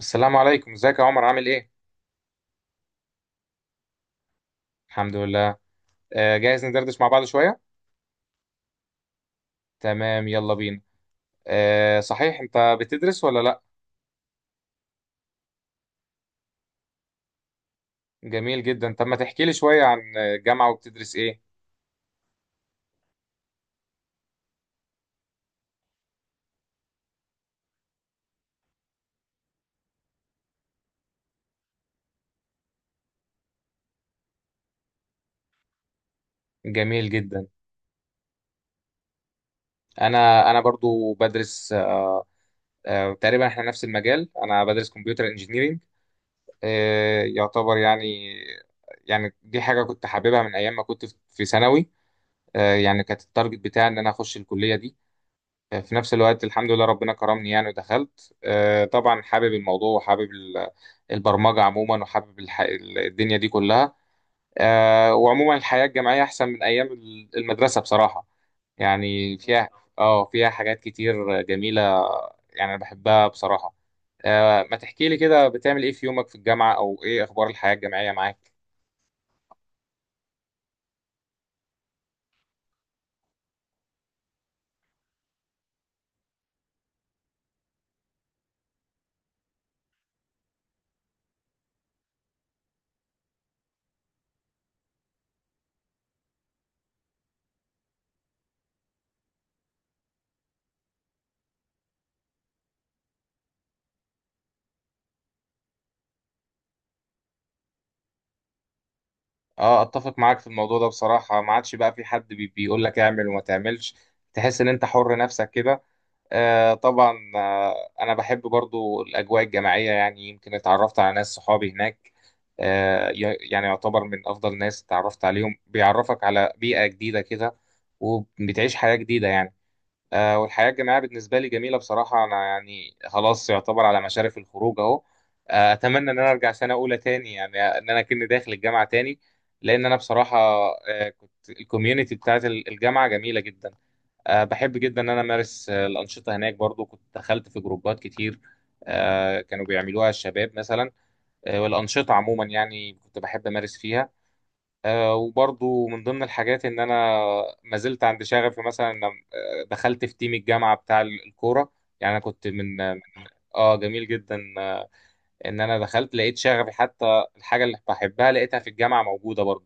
السلام عليكم، ازيك يا عمر؟ عامل ايه؟ الحمد لله. آه، جاهز ندردش مع بعض شوية. تمام، يلا بينا. آه، صحيح، انت بتدرس ولا لا؟ جميل جدا. طب ما تحكي لي شوية عن الجامعة وبتدرس ايه؟ جميل جدا. انا برضو بدرس. تقريبا احنا نفس المجال، انا بدرس كمبيوتر انجينيرينج. يعتبر يعني، يعني دي حاجة كنت حاببها من ايام ما كنت في ثانوي. يعني كانت التارجت بتاعي ان انا اخش الكلية دي. في نفس الوقت الحمد لله ربنا كرمني، يعني ودخلت. طبعا حابب الموضوع وحابب البرمجة عموما، وحابب الدنيا دي كلها. وعموما الحياة الجامعية أحسن من أيام المدرسة بصراحة. يعني فيها حاجات كتير جميلة، يعني أنا بحبها بصراحة. آه، ما تحكي لي كده، بتعمل إيه في يومك في الجامعة؟ أو إيه أخبار الحياة الجامعية معاك؟ اه اتفق معاك في الموضوع ده بصراحة. ما عادش بقى في حد بيقول لك اعمل وما تعملش. تحس ان انت حر نفسك كده. طبعا، أنا بحب برضو الأجواء الجماعية. يعني يمكن اتعرفت على ناس صحابي هناك، آه ي- يعني يعتبر من أفضل ناس اتعرفت عليهم. بيعرفك على بيئة جديدة كده، وبتعيش حياة جديدة يعني. والحياة الجماعية بالنسبة لي جميلة بصراحة. أنا يعني خلاص يعتبر على مشارف الخروج أهو. أتمنى إن أنا أرجع سنة أولى تاني، يعني إن أنا كني داخل الجامعة تاني. لأن أنا بصراحة كنت الكوميونتي بتاعت الجامعة جميلة جدا. بحب جدا ان انا امارس الانشطه هناك. برضو كنت دخلت في جروبات كتير كانوا بيعملوها الشباب مثلا. والانشطه عموما يعني كنت بحب امارس فيها. وبرضو من ضمن الحاجات ان انا ما زلت عند شغفي، مثلا إن، آه، دخلت في تيم الجامعه بتاع الكوره. يعني انا كنت من جميل جدا. ان انا دخلت لقيت شغفي، حتى الحاجه اللي بحبها لقيتها في الجامعه موجوده برضو.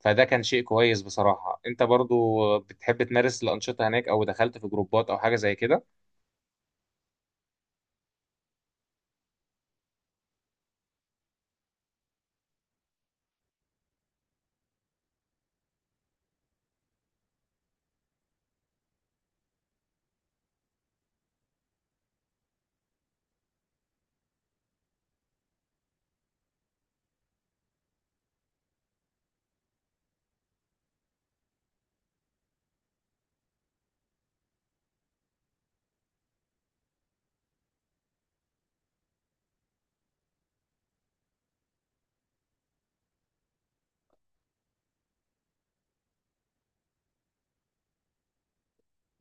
فده كان شيء كويس بصراحه. انت برضو بتحب تمارس الانشطه هناك، او دخلت في جروبات او حاجه زي كده؟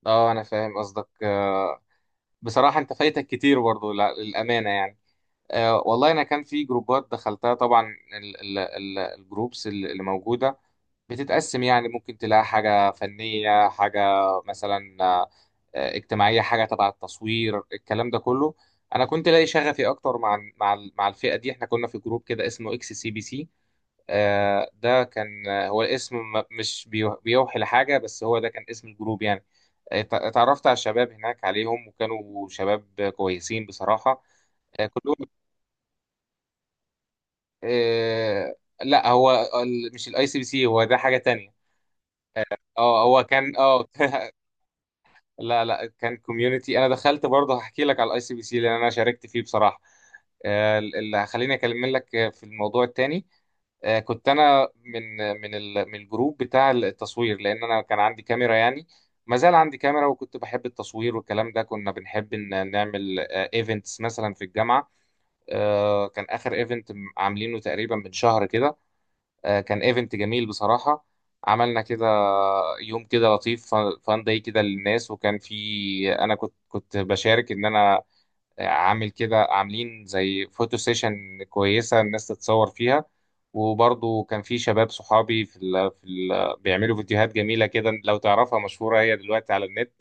اه انا فاهم قصدك. بصراحه انت فايتك كتير برضه للامانه يعني. والله انا كان في جروبات دخلتها طبعا. الجروبس اللي موجوده بتتقسم، يعني ممكن تلاقي حاجه فنيه، حاجه مثلا اجتماعيه، حاجه تبع التصوير، الكلام ده كله. انا كنت لاقي شغفي اكتر مع الفئه دي. احنا كنا في جروب كده اسمه XCBC. ده كان هو الاسم م- مش بيو- بيوحي لحاجة، بس هو ده كان اسم الجروب يعني. اتعرفت على الشباب هناك، عليهم، وكانوا شباب كويسين بصراحة، كلهم. آه، لا، هو مش الICPC، هو ده حاجة تانية. اه هو كان لا لا، كان كوميونتي انا دخلت برضه. هحكي لك على الICPC، لان انا شاركت فيه بصراحه. اللي هخليني اكلم لك في الموضوع التاني. كنت انا من الجروب بتاع التصوير، لان انا كان عندي كاميرا يعني، ما زال عندي كاميرا، وكنت بحب التصوير والكلام ده. كنا بنحب ان نعمل ايفنتس مثلا في الجامعه. كان اخر ايفنت عاملينه تقريبا من شهر كده. كان ايفنت جميل بصراحه. عملنا كده يوم كده لطيف، فان داي كده للناس، وكان في، انا كنت بشارك ان انا عامل كده، عاملين زي فوتو سيشن كويسة الناس تتصور فيها. وبرضو كان في شباب صحابي في ال في ال بيعملوا فيديوهات جميلة كده، لو تعرفها مشهورة هي دلوقتي على النت.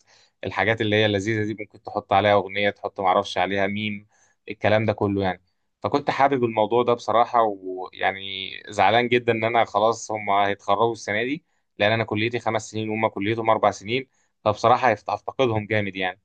الحاجات اللي هي اللذيذة دي، ممكن تحط عليها أغنية، تحط معرفش عليها ميم، الكلام ده كله يعني. فكنت حابب الموضوع ده بصراحة، ويعني زعلان جدا إن أنا خلاص هم هيتخرجوا السنة دي، لأن أنا كليتي 5 سنين وهم كليتهم 4 سنين. فبصراحة هفتقدهم جامد يعني.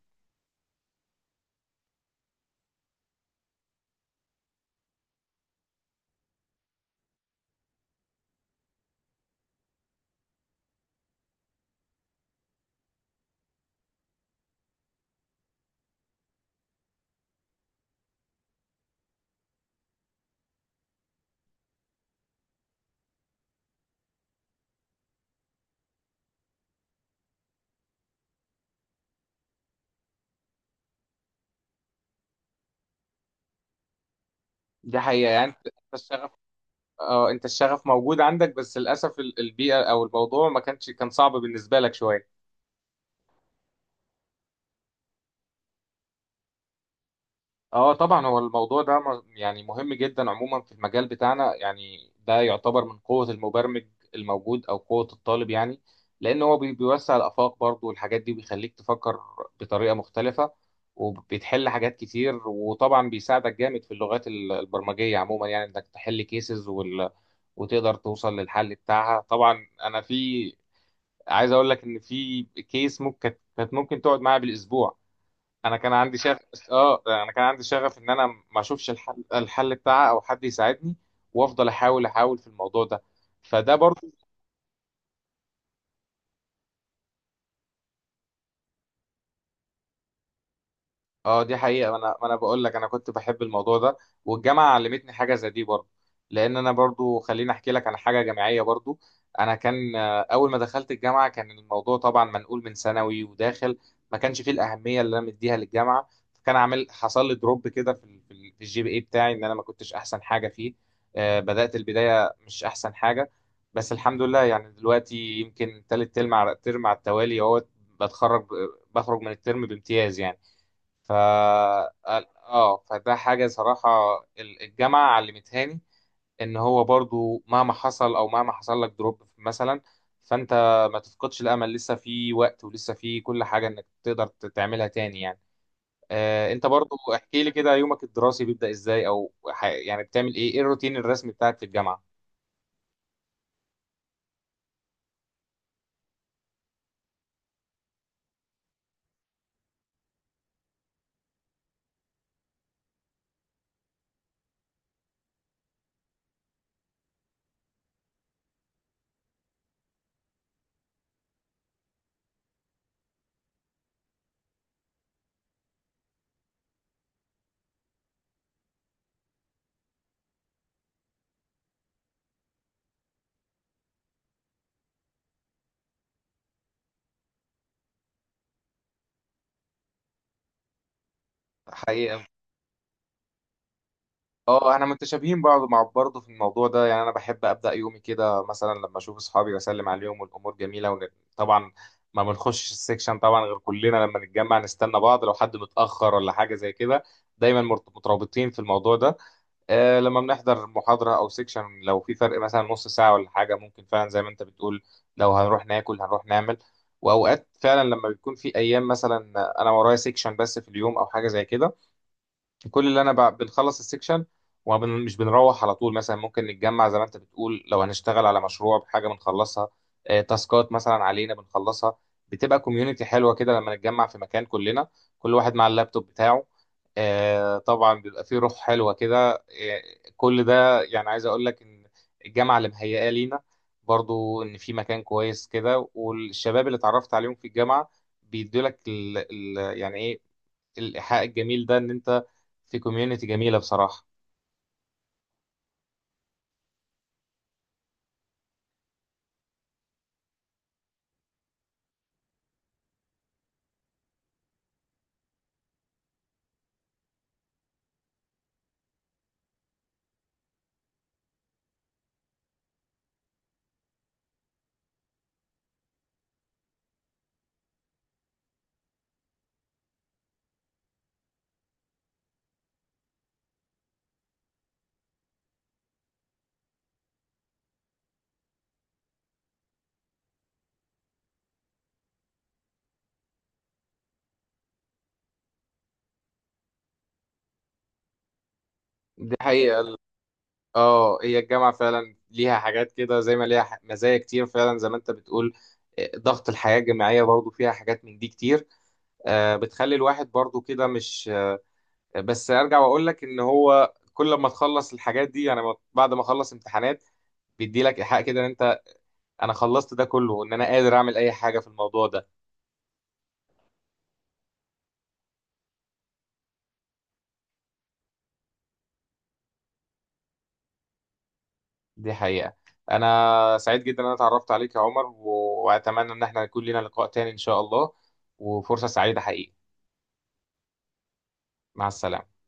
دي حقيقة يعني. بس اه، انت الشغف موجود عندك، بس للاسف البيئه او الموضوع ما كانش، كان صعب بالنسبه لك شويه. اه طبعا، هو الموضوع ده يعني مهم جدا عموما في المجال بتاعنا. يعني ده يعتبر من قوه المبرمج الموجود او قوه الطالب يعني. لان هو بيوسع الافاق برضه، والحاجات دي بيخليك تفكر بطريقه مختلفه، وبتحل حاجات كتير. وطبعا بيساعدك جامد في اللغات البرمجيه عموما، يعني انك تحل كيسز وتقدر توصل للحل بتاعها. طبعا انا في، عايز اقول لك ان في كيس ممكن كانت ممكن تقعد معايا بالاسبوع. انا كان عندي شغف اه انا كان عندي شغف ان انا ما اشوفش الحل بتاعها او حد يساعدني، وافضل احاول في الموضوع ده. فده برضو. اه دي حقيقة، ما انا بقول لك انا كنت بحب الموضوع ده، والجامعة علمتني حاجة زي دي برضو. لان انا برضو، خليني احكي لك عن حاجة جامعية برضو. انا كان اول ما دخلت الجامعة كان الموضوع طبعا منقول من ثانوي وداخل، ما كانش فيه الأهمية اللي انا مديها للجامعة. فكان عامل، حصل لي دروب كده في في الGPA بتاعي، ان انا ما كنتش احسن حاجة فيه. بدأت البداية مش احسن حاجة. بس الحمد لله، يعني دلوقتي يمكن تالت ترم على ترم على التوالي اهوت بتخرج بخرج من الترم بامتياز يعني. ف اه فده حاجة صراحة الجامعة علمتهاني، ان هو برضو مهما حصل، او مهما حصل لك دروب مثلا، فانت ما تفقدش الامل. لسه في وقت ولسه في كل حاجة انك تقدر تعملها تاني يعني. انت برضو احكي لي كده، يومك الدراسي بيبدأ ازاي، او يعني بتعمل ايه؟ ايه الروتين الرسمي بتاعك في الجامعة؟ حقيقة اه احنا متشابهين بعض مع برضه في الموضوع ده. يعني انا بحب ابدا يومي كده، مثلا لما اشوف اصحابي واسلم عليهم والامور جميله طبعا. ما بنخشش السكشن طبعا غير كلنا لما نتجمع، نستنى بعض لو حد متاخر ولا حاجه زي كده. دايما مترابطين في الموضوع ده. لما بنحضر محاضره او سكشن، لو في فرق مثلا نص ساعه ولا حاجه، ممكن فعلا زي ما انت بتقول لو هنروح ناكل، هنروح نعمل. واوقات فعلا لما بيكون في ايام مثلا انا ورايا سكشن بس في اليوم او حاجه زي كده، كل اللي انا بنخلص السكشن ومش بنروح على طول. مثلا ممكن نتجمع زي ما انت بتقول، لو هنشتغل على مشروع، بحاجه بنخلصها، تاسكات مثلا علينا بنخلصها. بتبقى كوميونتي حلوه كده لما نتجمع في مكان كلنا، كل واحد مع اللابتوب بتاعه. طبعا بيبقى فيه روح حلوه كده. كل ده يعني عايز اقول لك ان الجامعه اللي مهيئه لينا برضو ان في مكان كويس كده، والشباب اللي اتعرفت عليهم في الجامعه بيدولك ال يعني ايه، الإيحاء الجميل ده، إن أنت في كوميونيتي جميلة بصراحة. دي حقيقة. هي الجامعة فعلا ليها حاجات كده، زي ما ليها مزايا كتير فعلا زي ما أنت بتقول. ضغط الحياة الجامعية برضو فيها حاجات من دي كتير. بتخلي الواحد برضو كده مش. بس أرجع وأقول لك إن هو كل ما تخلص الحاجات دي يعني، بعد ما أخلص امتحانات، بيدي لك إيحاء كده إن أنت، أنا خلصت ده كله وإن أنا قادر أعمل أي حاجة في الموضوع ده. دي حقيقة. أنا سعيد جدا إن أنا اتعرفت عليك يا عمر، وأتمنى إن احنا يكون لنا لقاء تاني إن شاء الله. وفرصة سعيدة حقيقي. مع السلامة.